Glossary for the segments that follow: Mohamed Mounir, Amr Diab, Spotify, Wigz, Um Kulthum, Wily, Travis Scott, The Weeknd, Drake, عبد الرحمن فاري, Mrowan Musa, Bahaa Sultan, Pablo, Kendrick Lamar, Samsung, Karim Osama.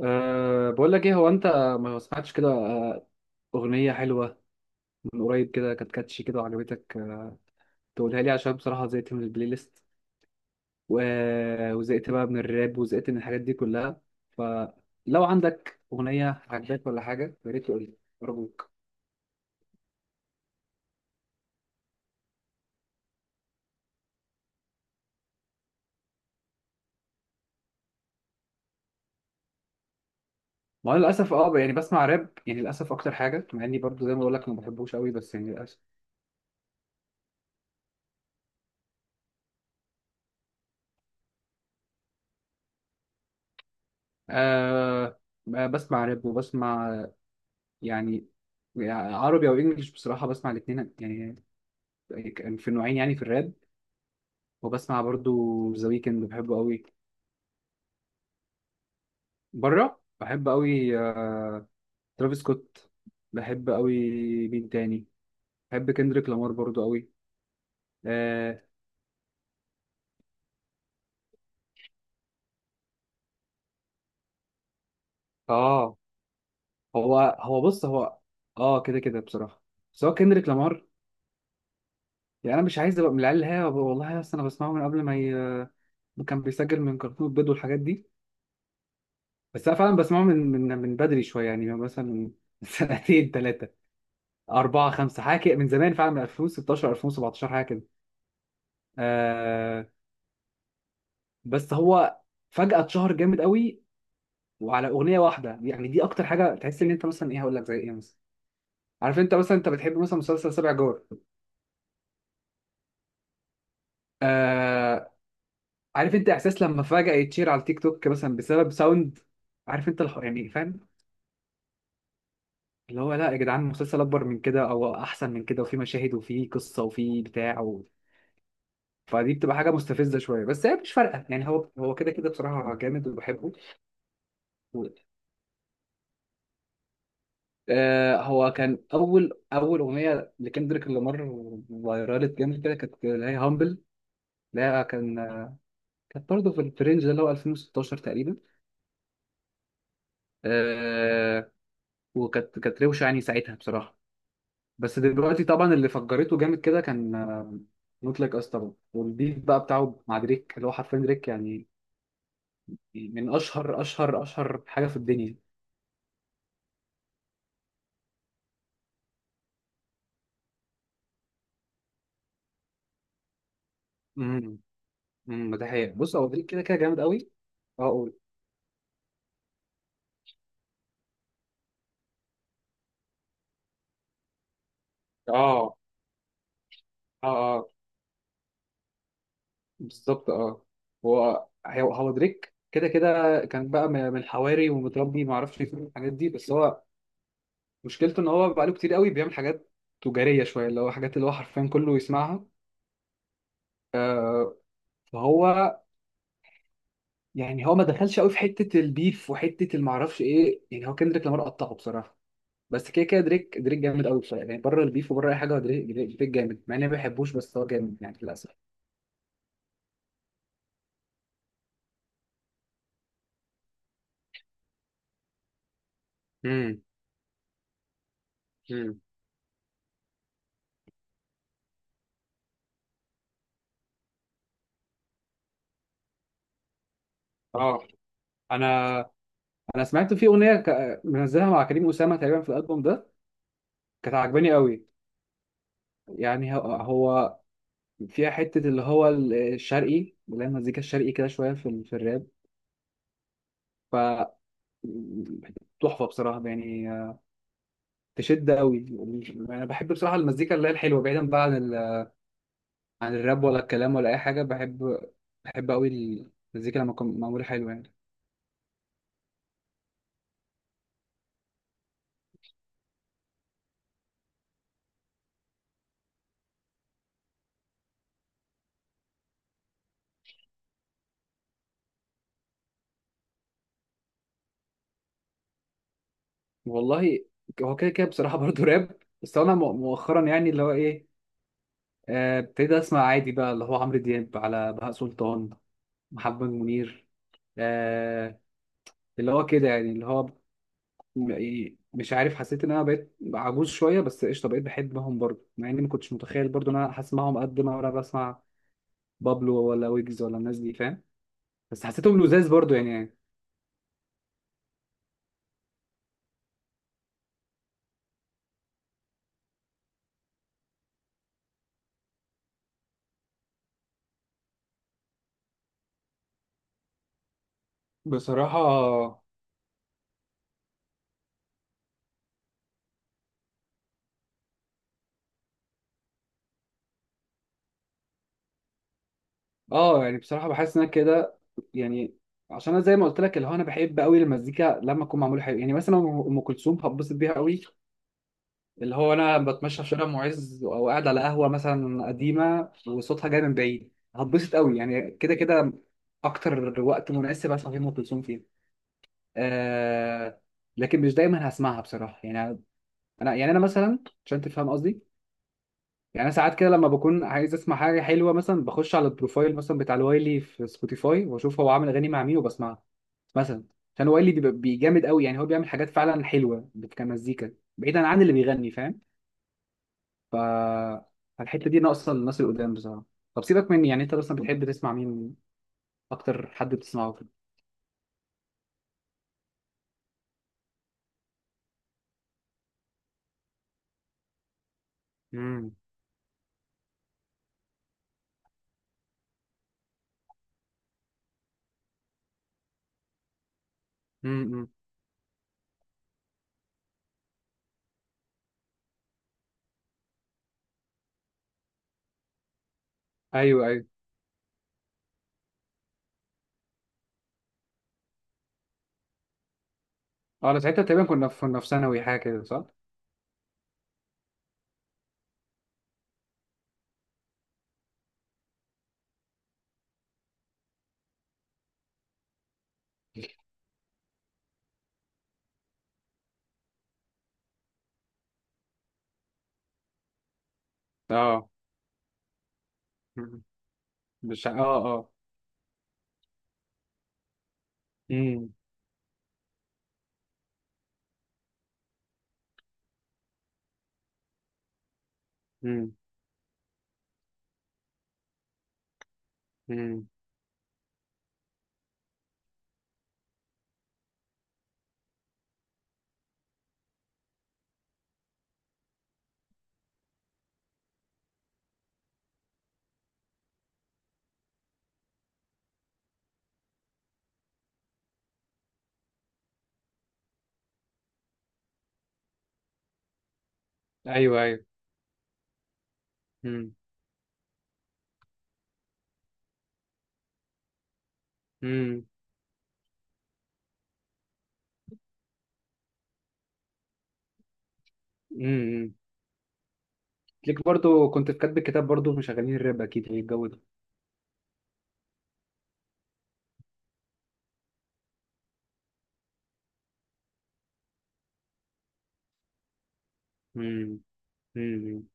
بقول لك ايه هو انت ما سمعتش كده، اغنيه حلوه من قريب كده كانت كاتشي كده وعجبتك، تقولها لي عشان بصراحه زهقت من البلاي ليست وزهقت بقى من الراب وزهقت من الحاجات دي كلها، فلو عندك اغنيه عجباك ولا حاجه يا ريت تقول لي ارجوك. ما انا للاسف يعني بسمع راب، يعني للاسف اكتر حاجه مع اني برضو زي ما بقول لك ما بحبوش قوي بس يعني للاسف. أه بسمع راب وبسمع، يعني عربي او انجليش، بصراحه بسمع الاثنين يعني كان في النوعين، يعني في الراب، وبسمع برضو ذا ويكند بحبه قوي، بره بحب قوي، ترافيس سكوت بحب قوي. مين تاني؟ بحب كندريك لامار برضو قوي. اه آه، هو بص هو اه، كده كده بصراحة. بس هو كندريك لامار يعني انا مش عايز ابقى من العيال اللي هي والله اصل انا بسمعه من قبل ما ي... كان بيسجل من كرتون البيض والحاجات دي. بس انا فعلا بسمعه من بدري شوية، يعني مثلا من سنتين ثلاثة أربعة خمسة حاجة كده، من زمان فعلا من 2016 2017 حاجة كده آه بس هو فجأة اتشهر جامد قوي وعلى أغنية واحدة. يعني دي أكتر حاجة تحس إن أنت مثلا، إيه هقول لك زي إيه مثلا؟ عارف أنت مثلا أنت بتحب مثلا مسلسل سبع جار؟ آه. عارف أنت إحساس لما فجأة يتشير على التيك توك مثلا بسبب ساوند؟ عارف أنت يعني فاهم؟ اللي هو لا يا جدعان، مسلسل أكبر من كده أو أحسن من كده، وفي مشاهد وفي قصة وفي بتاع فدي بتبقى حاجة مستفزة شوية، بس هي مش فارقة. يعني هو كده كده بصراحة جامد وبحبه. آه، هو كان اول اغنيه لكندريك لامار فايرالت جامد كده، كانت اللي هي هامبل، اللي هي كانت برضه في الفرنج ده اللي هو 2016 تقريبا. آه، وكانت روشه يعني ساعتها بصراحه. بس دلوقتي طبعا اللي فجرته جامد كده كان نوت لايك اس طبعا، والبيف بقى بتاعه مع دريك، اللي هو حرفيا دريك يعني من اشهر حاجه في الدنيا. امم امم. ده حقيقة، بص هو دريك كده كده جامد قوي. اه قول. اه اه بالظبط اه. هو دريك كده كده كان بقى من الحواري ومتربي ما اعرفش فين الحاجات دي. بس هو مشكلته ان هو بقى له كتير قوي بيعمل حاجات تجاريه شويه اللي هو حاجات اللي هو حرفيا كله يسمعها. فهو يعني هو ما دخلش قوي في حته البيف وحته ما اعرفش ايه، يعني هو كندريك لامار قطعه بصراحه. بس كده كده دريك جامد قوي بصراحه، يعني بره البيف وبره اي حاجه، هو دريك جامد مع اني ما بحبوش، بس هو جامد يعني للاسف. امم امم. اه، انا انا سمعت في اغنيه منزلها مع كريم اسامه تقريبا في الالبوم ده، كانت عاجباني قوي. يعني هو فيها حتة اللي هو الشرقي، اللي هي المزيكا الشرقي كده شوية في في الراب، ف تحفة بصراحة يعني، تشد قوي. أنا بحب بصراحة المزيكا اللي هي الحلوة، بعيدا بقى عن عن الراب ولا الكلام ولا أي حاجة. بحب، بحب قوي المزيكا لما تكون معمولة حلوة يعني. والله هو كده كده بصراحة برضه راب، بس أنا مؤخرا يعني اللي هو إيه، ابتديت أسمع عادي بقى اللي هو عمرو دياب على بهاء سلطان، محمد منير آه، اللي هو كده يعني اللي هو إيه، مش عارف، حسيت ان انا بقيت عجوز شويه، بس قشطه بقيت بحبهم برضه مع اني ما كنتش متخيل برضه ان انا هسمعهم قد ما انا بسمع بابلو ولا ويجز ولا الناس دي، فاهم؟ بس حسيتهم لزاز برضه يعني يعني بصراحه. اه يعني بصراحه بحس ان انا كده، يعني عشان انا زي ما قلت لك اللي هو انا بحب قوي المزيكا لما اكون معموله حلو. يعني مثلا ام كلثوم هتبسط بيها قوي، اللي هو انا بتمشى في شارع معز او قاعد على قهوه مثلا قديمه وصوتها جاي من بعيد هتبسط قوي، يعني كده كده اكتر وقت مناسب اسمع فيه ام كلثوم فيه. آه، لكن مش دايما هسمعها بصراحه يعني. انا يعني انا مثلا، عشان تفهم قصدي، يعني انا ساعات كده لما بكون عايز اسمع حاجه حلوه مثلا، بخش على البروفايل مثلا بتاع الوايلي في سبوتيفاي واشوف هو عامل اغاني مع مين وبسمعها مثلا، عشان وايلي بيبقى جامد قوي، يعني هو بيعمل حاجات فعلا حلوه كمزيكا بعيدا عن اللي بيغني، فاهم؟ فالحتة دي ناقصة للناس القدام بصراحة. طب سيبك مني، يعني انت اصلا بتحب تسمع مين؟ اكتر حد بتسمعه كده؟ امم، امم. ايوه ايوه. اه انا ساعتها تقريبا كنا في ثانوي حاجة كده، صح؟ اه. مم. مش اه اه. امم امم امم. ايوه ايوه. امم امم امم. ليك برضو كنت في كاتب الكتاب برضو مشغلين الراب اكيد، يعني الجو ده. امم امم.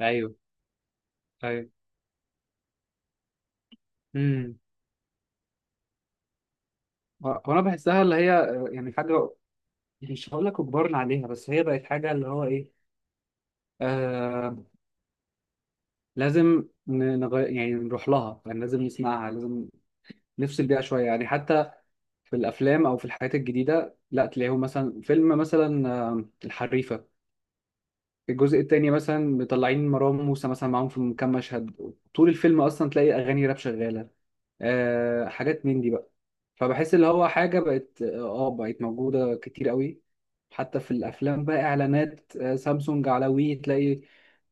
ايوه ايوه. امم. هو انا بحسها اللي هي، يعني حاجه مش هقول لك اجبرنا عليها، بس هي بقت حاجه اللي هو ايه، آه، لازم يعني نروح لها، يعني لازم نسمعها، لازم نفصل بيها شويه يعني. حتى في الافلام او في الحاجات الجديده، لا تلاقيهم مثلا فيلم مثلا، الحريفه الجزء الثاني مثلا مطلعين مروان موسى مثلا معاهم في كام مشهد، طول الفيلم اصلا تلاقي اغاني راب شغاله. آه حاجات من دي بقى. فبحس اللي هو حاجة بقت اه، بقت موجودة كتير قوي، حتى في الأفلام بقى، إعلانات آه سامسونج على وي تلاقي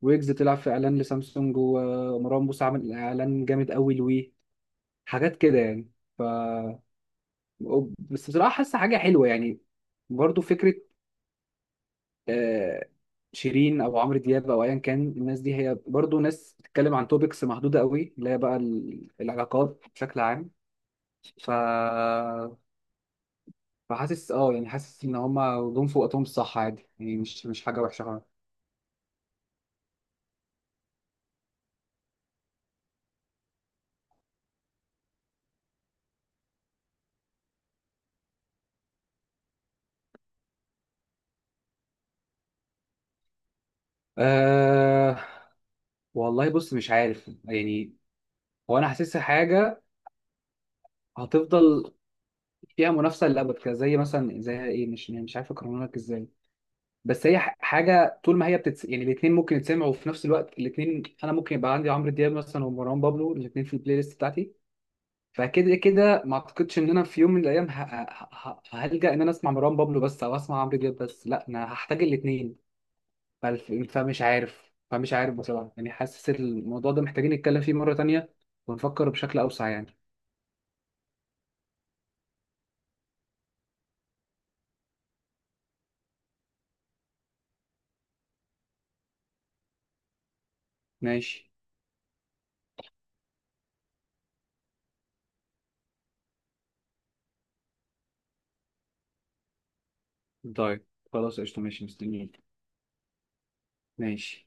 ويجز طلع في إعلان لسامسونج، ومروان موسى عامل إعلان جامد قوي لوي. حاجات كده يعني، ف بس بصراحة حاسة حاجة حلوة يعني. برضو فكرة آه شيرين أو عمرو دياب أو أيا كان، الناس دي هي برضو ناس بتتكلم عن توبكس محدودة قوي، اللي هي بقى العلاقات بشكل عام. ف فحاسس اه يعني حاسس ان هما جم في وقتهم الصح عادي، يعني مش مش حاجه وحشه خالص. أه والله بص مش عارف يعني، هو انا حاسسها حاجه هتفضل فيها منافسه للابد كده، زي مثلا زي ايه، مش يعني مش عارف اقارنها لك ازاي، بس هي حاجه طول ما هي يعني الاثنين ممكن يتسمعوا، وفي نفس الوقت الاثنين انا ممكن يبقى عندي عمرو دياب مثلا ومروان بابلو، الاثنين في البلاي ليست بتاعتي. فكده كده ما اعتقدش ان انا في يوم من الايام هلجأ ان انا اسمع مروان بابلو بس او اسمع عمرو دياب بس، لا انا هحتاج الاثنين. فمش عارف، فمش عارف بصراحة يعني، حاسس الموضوع ده محتاجين نتكلم فيه مرة تانية ونفكر بشكل أوسع يعني. ماشي. طيب خلاص قشطة، ماشي مستنيين. ماشي.